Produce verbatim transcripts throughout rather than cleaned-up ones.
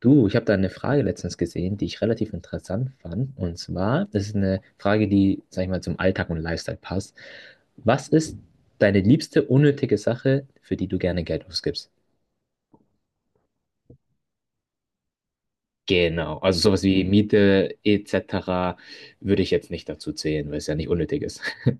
Du, ich habe da eine Frage letztens gesehen, die ich relativ interessant fand. Und zwar, das ist eine Frage, die, sag ich mal, zum Alltag und Lifestyle passt. Was ist deine liebste unnötige Sache, für die du gerne Geld ausgibst? Genau, also sowas wie Miete et cetera würde ich jetzt nicht dazu zählen, weil es ja nicht unnötig ist.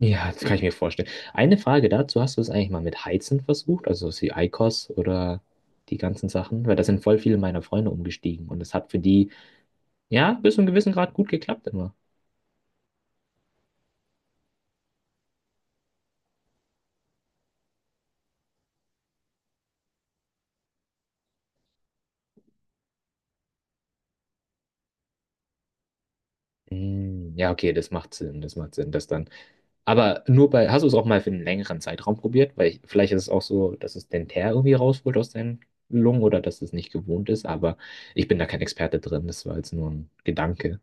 Ja, das kann ich mir vorstellen. Eine Frage dazu, hast du es eigentlich mal mit Heizen versucht, also sowas wie I Q O S oder die ganzen Sachen? Weil da sind voll viele meiner Freunde umgestiegen und es hat für die, ja, bis zu einem gewissen Grad gut geklappt immer. Mm, ja, okay, das macht Sinn, das macht Sinn, das dann. Aber nur bei, hast du es auch mal für einen längeren Zeitraum probiert? Weil ich, vielleicht ist es auch so, dass es den Teer irgendwie rausholt aus deinen Lungen oder dass es nicht gewohnt ist, aber ich bin da kein Experte drin, das war jetzt nur ein Gedanke.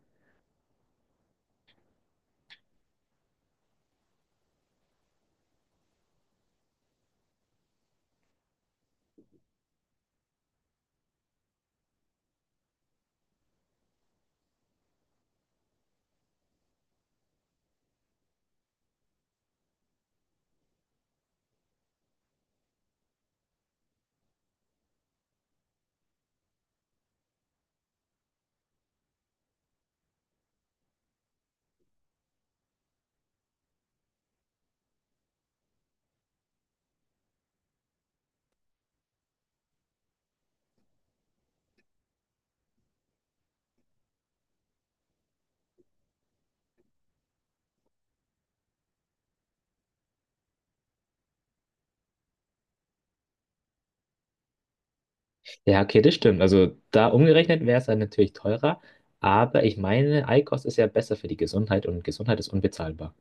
Ja, okay, das stimmt. Also da umgerechnet wäre es dann natürlich teurer, aber ich meine, Eikost ist ja besser für die Gesundheit und Gesundheit ist unbezahlbar.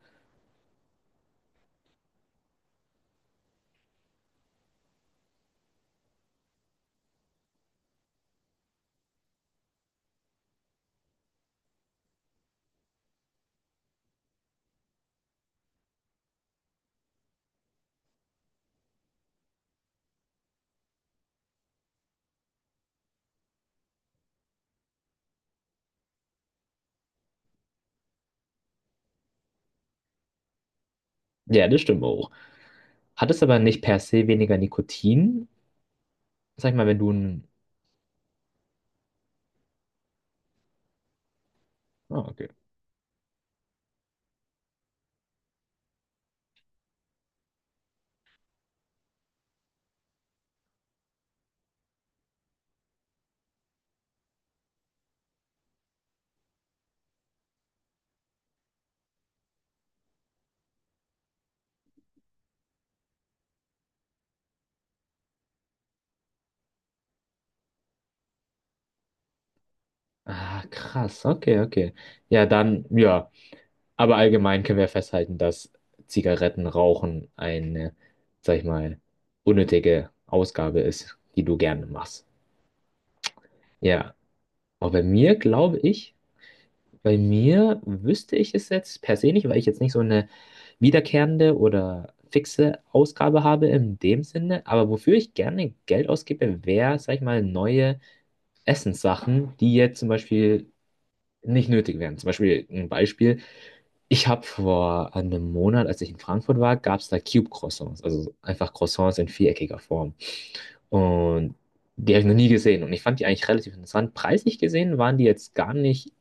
Ja, das stimmt auch. Hat es aber nicht per se weniger Nikotin? Sag ich mal, wenn du ein. Ah, okay. Ah, krass. Okay, okay. Ja, dann, ja. Aber allgemein können wir festhalten, dass Zigarettenrauchen eine, sag ich mal, unnötige Ausgabe ist, die du gerne machst. Ja. Aber bei mir glaube ich, bei mir wüsste ich es jetzt per se nicht, weil ich jetzt nicht so eine wiederkehrende oder fixe Ausgabe habe in dem Sinne. Aber wofür ich gerne Geld ausgebe, wäre, sag ich mal, neue Essenssachen, die jetzt zum Beispiel nicht nötig wären. Zum Beispiel ein Beispiel. Ich habe vor einem Monat, als ich in Frankfurt war, gab es da Cube-Croissants, also einfach Croissants in viereckiger Form. Und die habe ich noch nie gesehen und ich fand die eigentlich relativ interessant. Preislich gesehen waren die jetzt gar nicht,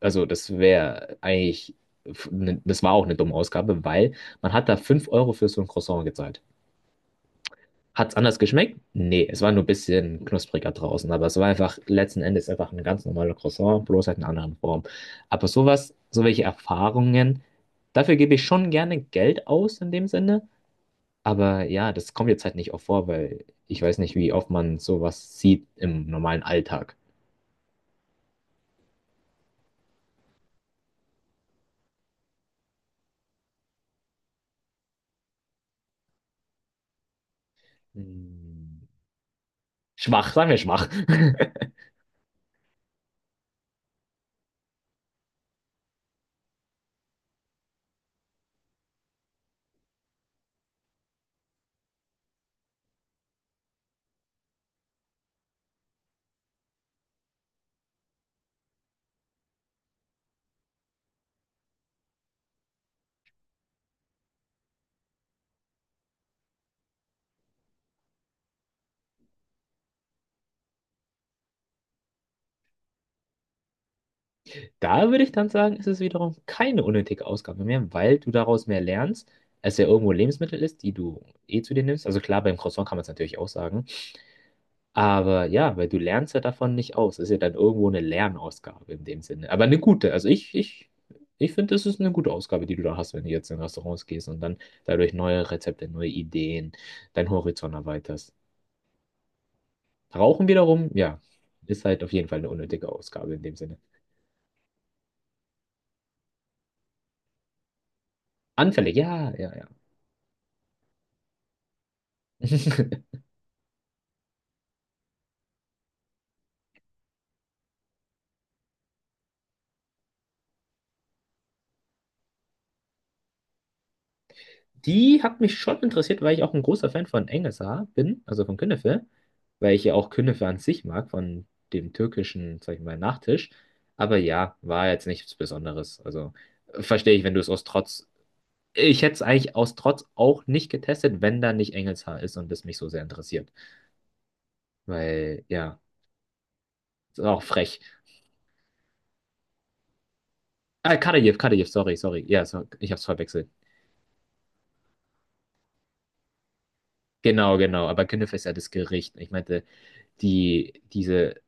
also das wäre eigentlich, das war auch eine dumme Ausgabe, weil man hat da fünf Euro für so ein Croissant gezahlt. Hat's anders geschmeckt? Nee, es war nur ein bisschen knuspriger draußen, aber es war einfach letzten Endes einfach ein ganz normaler Croissant, bloß halt in einer anderen Form. Aber sowas, so welche Erfahrungen, dafür gebe ich schon gerne Geld aus in dem Sinne, aber ja, das kommt jetzt halt nicht oft vor, weil ich weiß nicht, wie oft man sowas sieht im normalen Alltag. Hm, schwach, sagen wir schwach. Da würde ich dann sagen, ist es wiederum keine unnötige Ausgabe mehr, weil du daraus mehr lernst, als ja irgendwo Lebensmittel ist, die du eh zu dir nimmst. Also klar, beim Croissant kann man es natürlich auch sagen. Aber ja, weil du lernst ja davon nicht aus. Das ist ja dann irgendwo eine Lernausgabe in dem Sinne. Aber eine gute. Also ich, ich, ich finde, das ist eine gute Ausgabe, die du da hast, wenn du jetzt in Restaurants gehst und dann dadurch neue Rezepte, neue Ideen, deinen Horizont erweiterst. Rauchen wiederum, ja, ist halt auf jeden Fall eine unnötige Ausgabe in dem Sinne. Anfällig, ja, ja, ja. Die hat mich schon interessiert, weil ich auch ein großer Fan von Engelsa bin, also von Künefe, weil ich ja auch Künefe an sich mag, von dem türkischen, sag ich mal, Nachtisch. Aber ja, war jetzt nichts Besonderes. Also äh, verstehe ich, wenn du es aus Trotz. Ich hätte es eigentlich aus Trotz auch nicht getestet, wenn da nicht Engelshaar ist und es mich so sehr interessiert. Weil, ja, ist auch frech. Ah, Kadayev, Kadayev, sorry, sorry. Ja, so, ich hab's verwechselt. Genau, genau. Aber Künefe ist ja das Gericht. Ich meinte, die, diese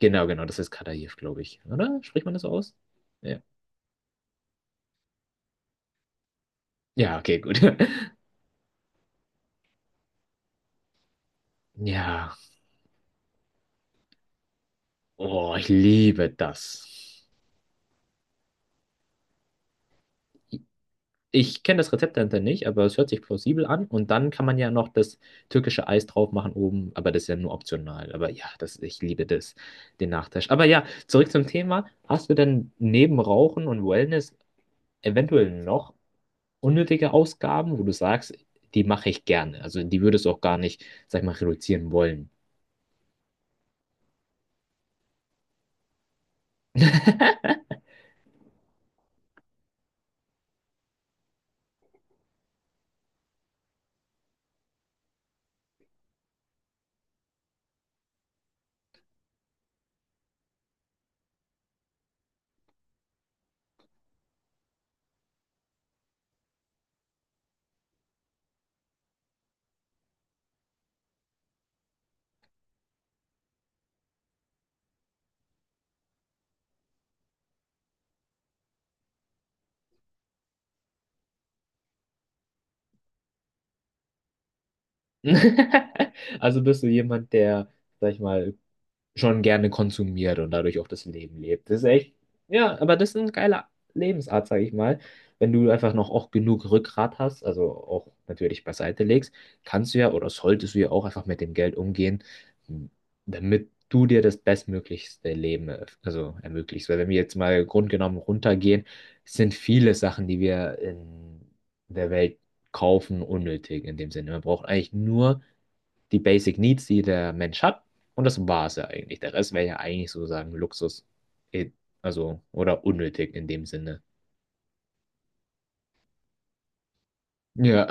Genau, genau, das ist Kadaev, glaube ich. Oder? Spricht man das so aus? Ja. Ja, okay, gut. Ja. Oh, ich liebe das. Ich kenne das Rezept dahinter nicht, aber es hört sich plausibel an. Und dann kann man ja noch das türkische Eis drauf machen oben, aber das ist ja nur optional. Aber ja, das, ich liebe das, den Nachtisch. Aber ja, zurück zum Thema. Hast du denn neben Rauchen und Wellness eventuell noch unnötige Ausgaben, wo du sagst, die mache ich gerne? Also die würdest du auch gar nicht, sag ich mal, reduzieren wollen. Also bist du jemand, der, sag ich mal, schon gerne konsumiert und dadurch auch das Leben lebt. Das ist echt, ja, aber das ist ein geiler Lebensart, sag ich mal. Wenn du einfach noch auch genug Rückgrat hast, also auch natürlich beiseite legst, kannst du ja oder solltest du ja auch einfach mit dem Geld umgehen, damit du dir das bestmöglichste Leben erf- also ermöglichst. Weil wenn wir jetzt mal grundgenommen runtergehen, sind viele Sachen, die wir in der Welt kaufen, unnötig in dem Sinne. Man braucht eigentlich nur die Basic Needs, die der Mensch hat. Und das war es ja eigentlich. Der Rest wäre ja eigentlich sozusagen Luxus. eh, Also, oder unnötig in dem Sinne. Ja.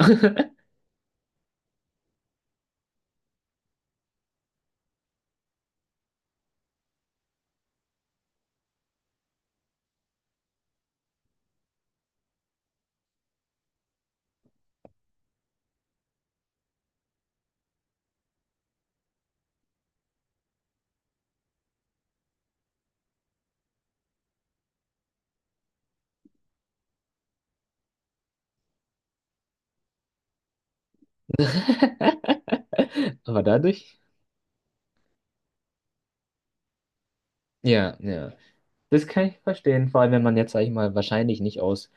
Aber dadurch, ja, ja. Das kann ich verstehen, vor allem wenn man jetzt, sag ich mal, wahrscheinlich nicht aus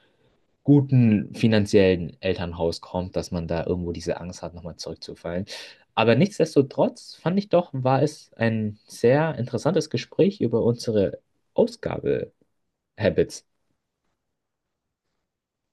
guten finanziellen Elternhaus kommt, dass man da irgendwo diese Angst hat, nochmal zurückzufallen. Aber nichtsdestotrotz fand ich doch, war es ein sehr interessantes Gespräch über unsere Ausgabe-Habits.